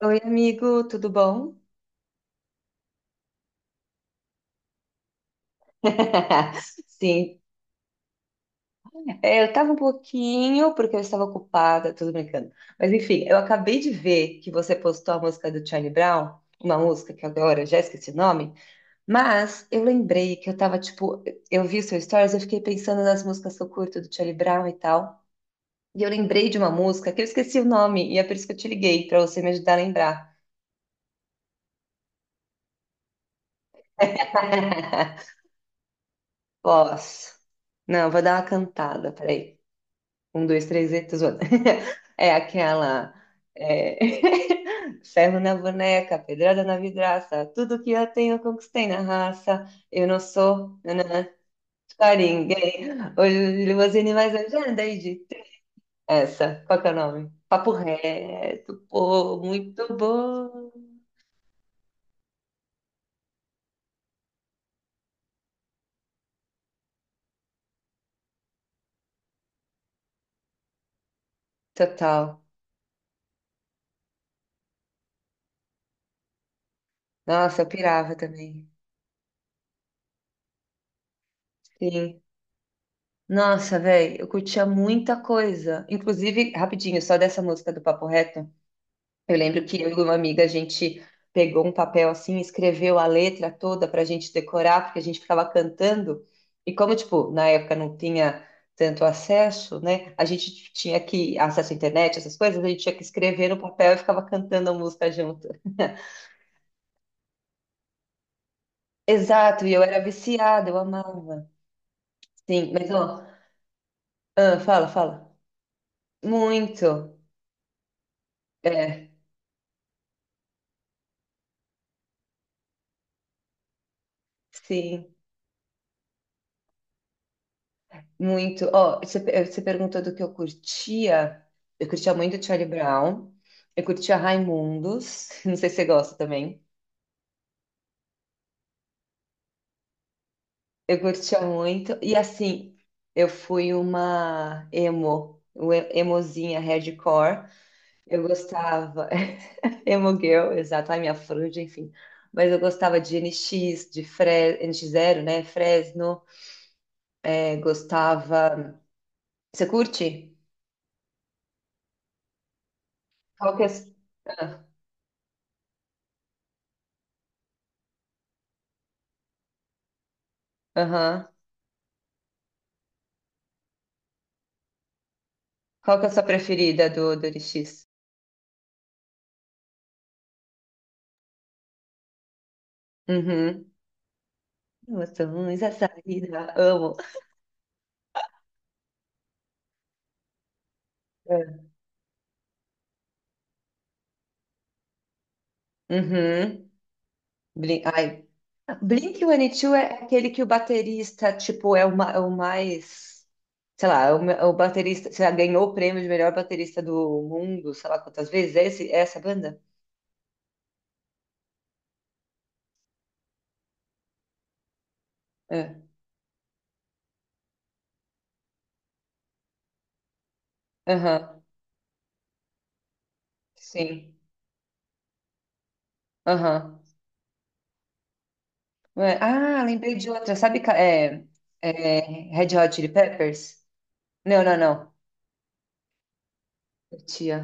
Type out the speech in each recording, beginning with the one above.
Oi, amigo, tudo bom? Sim, é, eu tava um pouquinho porque eu estava ocupada, tudo brincando. Mas enfim, eu acabei de ver que você postou a música do Charlie Brown, uma música que agora eu já esqueci o nome, mas eu lembrei que eu tava tipo, eu vi seu stories, eu fiquei pensando nas músicas que eu curto do Charlie Brown e tal. E eu lembrei de uma música que eu esqueci o nome, e é por isso que eu te liguei, pra você me ajudar a lembrar. Posso? Não, vou dar uma cantada, peraí. Um, dois, três, e tô zoando. É aquela é, ferro na boneca, pedrada na vidraça, tudo que eu tenho eu conquistei na raça. Eu não sou nanã, pra ninguém. Hoje limusine, mas eu já andei de trem. Essa, qual que é o nome? Papo reto, pô, muito bom. Total. Nossa, eu pirava também. Sim. Nossa, velho, eu curtia muita coisa. Inclusive, rapidinho, só dessa música do Papo Reto. Eu lembro que eu e uma amiga, a gente pegou um papel assim, escreveu a letra toda para a gente decorar, porque a gente ficava cantando. E como, tipo, na época não tinha tanto acesso, né? A gente tinha que, acesso à internet, essas coisas, a gente tinha que escrever no papel e ficava cantando a música junto. Exato, e eu era viciada, eu amava. Sim, mas ó, ah, fala, fala. Muito. É, sim. Muito. Ó, você, você perguntou do que eu curtia. Eu curtia muito Charlie Brown. Eu curtia Raimundos. Não sei se você gosta também. Eu curtia muito. E assim, eu fui uma emo, uma emozinha hardcore. Eu gostava. Emo girl, exato. A minha franja, enfim. Mas eu gostava de N X Zero, né? Fresno. É, gostava. Você curte? Qual que é. A ah, aham. Qual que é a sua preferida do, do Orixis? Uhum. Emoções, a saída, amo. É. Uhum. Blink, ai. Blink-182 é aquele que o baterista, tipo, é o, é o mais... Sei lá, é o, é o baterista... Sei lá, ganhou o prêmio de melhor baterista do mundo, sei lá quantas vezes. É, esse, é essa banda? É. Aham. Sim. Aham. Ué, ah, lembrei de outra. Sabe... é, é, Red Hot Chili Peppers? Não, não, não. Tia.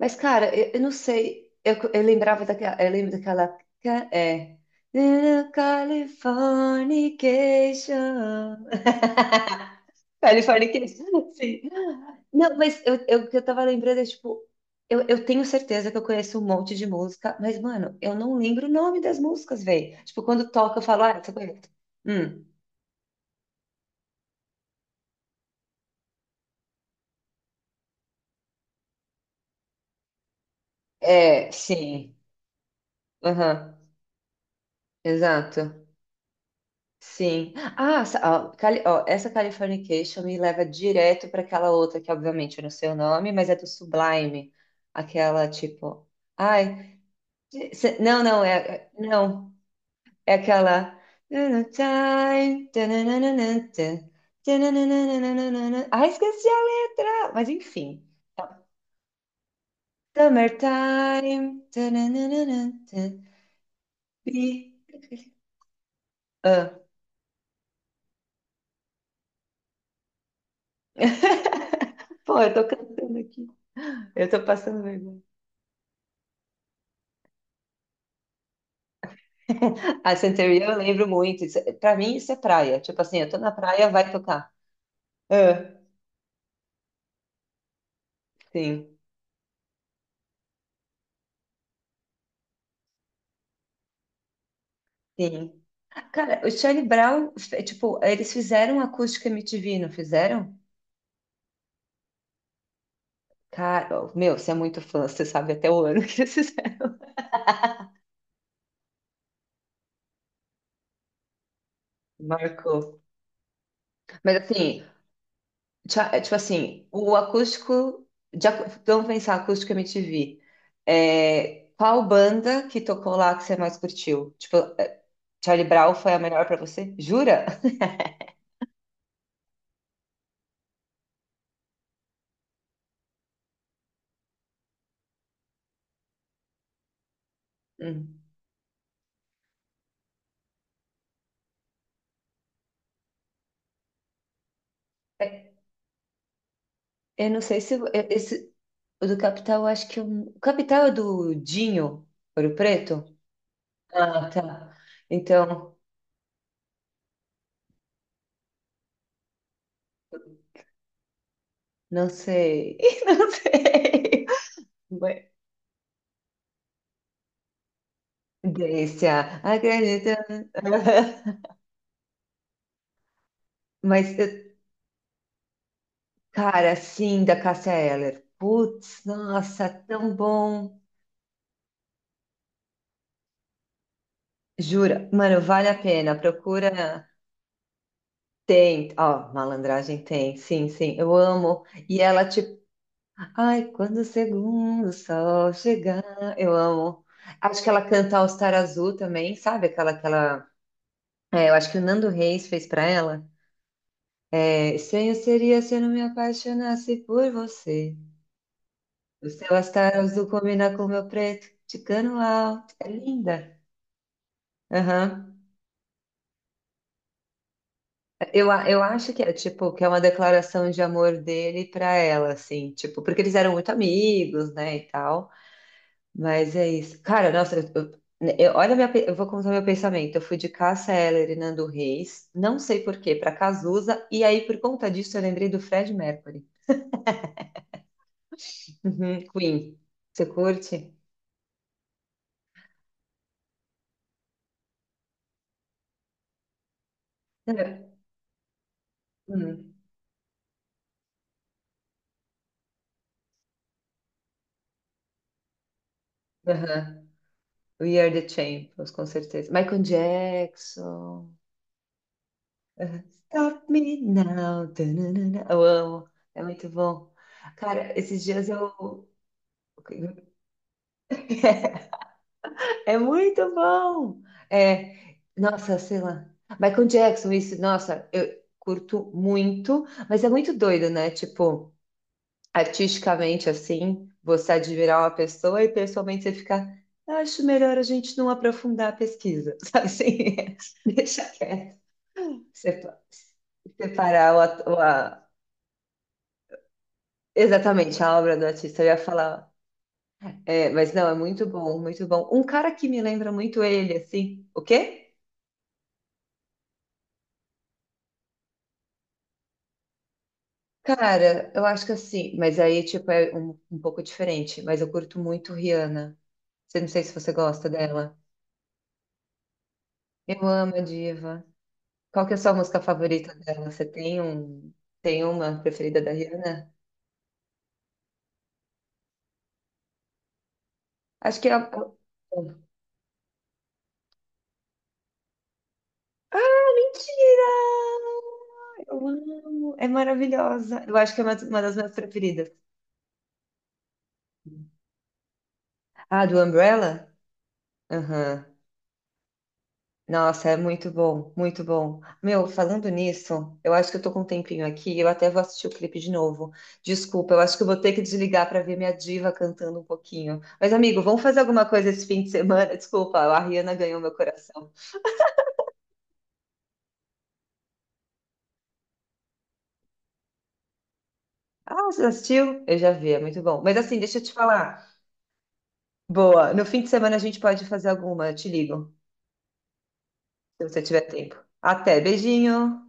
Mas, cara, eu não sei. Eu lembrava daquela. Eu lembro daquela. É. Little Californication. Californication, sim. Não, mas eu, o que eu tava lembrando é tipo. Eu tenho certeza que eu conheço um monte de música, mas, mano, eu não lembro o nome das músicas, velho. Tipo, quando toca, eu falo, ah, você conhece. Hum, é, sim. Aham, exato. Sim. Ah, ó, essa Californication me leva direto para aquela outra que, obviamente, eu não sei o nome, mas é do Sublime. Aquela tipo. Ai. Não, não, é. Não. É aquela. Time tananana, tan, tananana. Ai, esqueci a letra! Mas enfim. Summertime. Tananana, tan. Be- Ah. Pô, eu tô cantando aqui. Eu tô passando vergonha. A Santeria eu lembro muito. É, pra mim, isso é praia. Tipo assim, eu tô na praia, vai tocar. Ah, sim, sim. Cara, o Charlie Brown, tipo, eles fizeram acústica MTV, não fizeram? Cara, meu, você é muito fã, você sabe até o ano que eles fizeram. Marcou. Mas assim, é, tipo assim, o acústico. Vamos pensar, acústica MTV. É, qual banda que tocou lá que você mais curtiu? Tipo, é, Charlie Brown foi a melhor pra você? Jura? Hum. Eu não sei se eh, esse o do Capital, eu acho que eu- o Capital é do Dinho, Ouro Preto? Ah, tá. Então, não sei. Não sei. Mas- desse, ah, mas, cara, sim, da Cássia Eller. Putz, nossa, tão bom. Jura, mano, vale a pena. Procura. Tem, ó, malandragem tem, sim, sim, eu amo. E ela, tipo, ai, quando o segundo sol chegar, eu amo. Acho que ela canta All Star Azul também, sabe? Aquela, aquela. É, eu acho que o Nando Reis fez pra ela. É, estranho seria se eu não me apaixonasse por você. O seu All Star Azul combina com o meu preto, de alto. É linda. Aham. Eu acho que é tipo que é uma declaração de amor dele pra ela, assim, tipo, porque eles eram muito amigos, né, e tal. Mas é isso. Cara, nossa, eu- né, eu- olha, minha, eu vou contar meu pensamento. Eu fui de Cássia Eller e Nando Reis, não sei por quê, pra Cazuza, e aí por conta disso eu lembrei do Fred Mercury. Uhum, Queen. Você curte? É. Uhum. Uhum. We Are the Champions, com certeza. Michael Jackson. Uhum. Stop Me Now. Tananana. Eu amo, é muito bom. Cara, esses dias eu. É muito bom. É, nossa, sei lá. Michael Jackson, isso, nossa, eu curto muito, mas é muito doido, né? Tipo, artisticamente assim, você admirar uma pessoa e pessoalmente você ficar, "Eu acho melhor a gente não aprofundar a pesquisa, sabe assim? Deixa quieto. Sepa- Separar o, exatamente a obra do artista, eu ia falar. É, mas não, é muito bom, muito bom. Um cara que me lembra muito ele, assim, o quê? Cara, eu acho que assim, mas aí, tipo, é um, um pouco diferente. Mas eu curto muito Rihanna. Você não sei se você gosta dela. Eu amo a diva. Qual que é a sua música favorita dela? Você tem um, tem uma preferida da Rihanna? Acho que é. A- Mentira! Eu amo. É maravilhosa. Eu acho que é uma das minhas preferidas. Ah, do Umbrella? Aham. Nossa, é muito bom, muito bom. Meu, falando nisso, eu acho que eu tô com um tempinho aqui, e eu até vou assistir o clipe de novo. Desculpa, eu acho que eu vou ter que desligar para ver minha diva cantando um pouquinho. Mas, amigo, vamos fazer alguma coisa esse fim de semana? Desculpa, a Rihanna ganhou meu coração. Ah, você assistiu? Eu já vi, é muito bom. Mas assim, deixa eu te falar. Boa, no fim de semana a gente pode fazer alguma, eu te ligo, se você tiver tempo. Até, beijinho.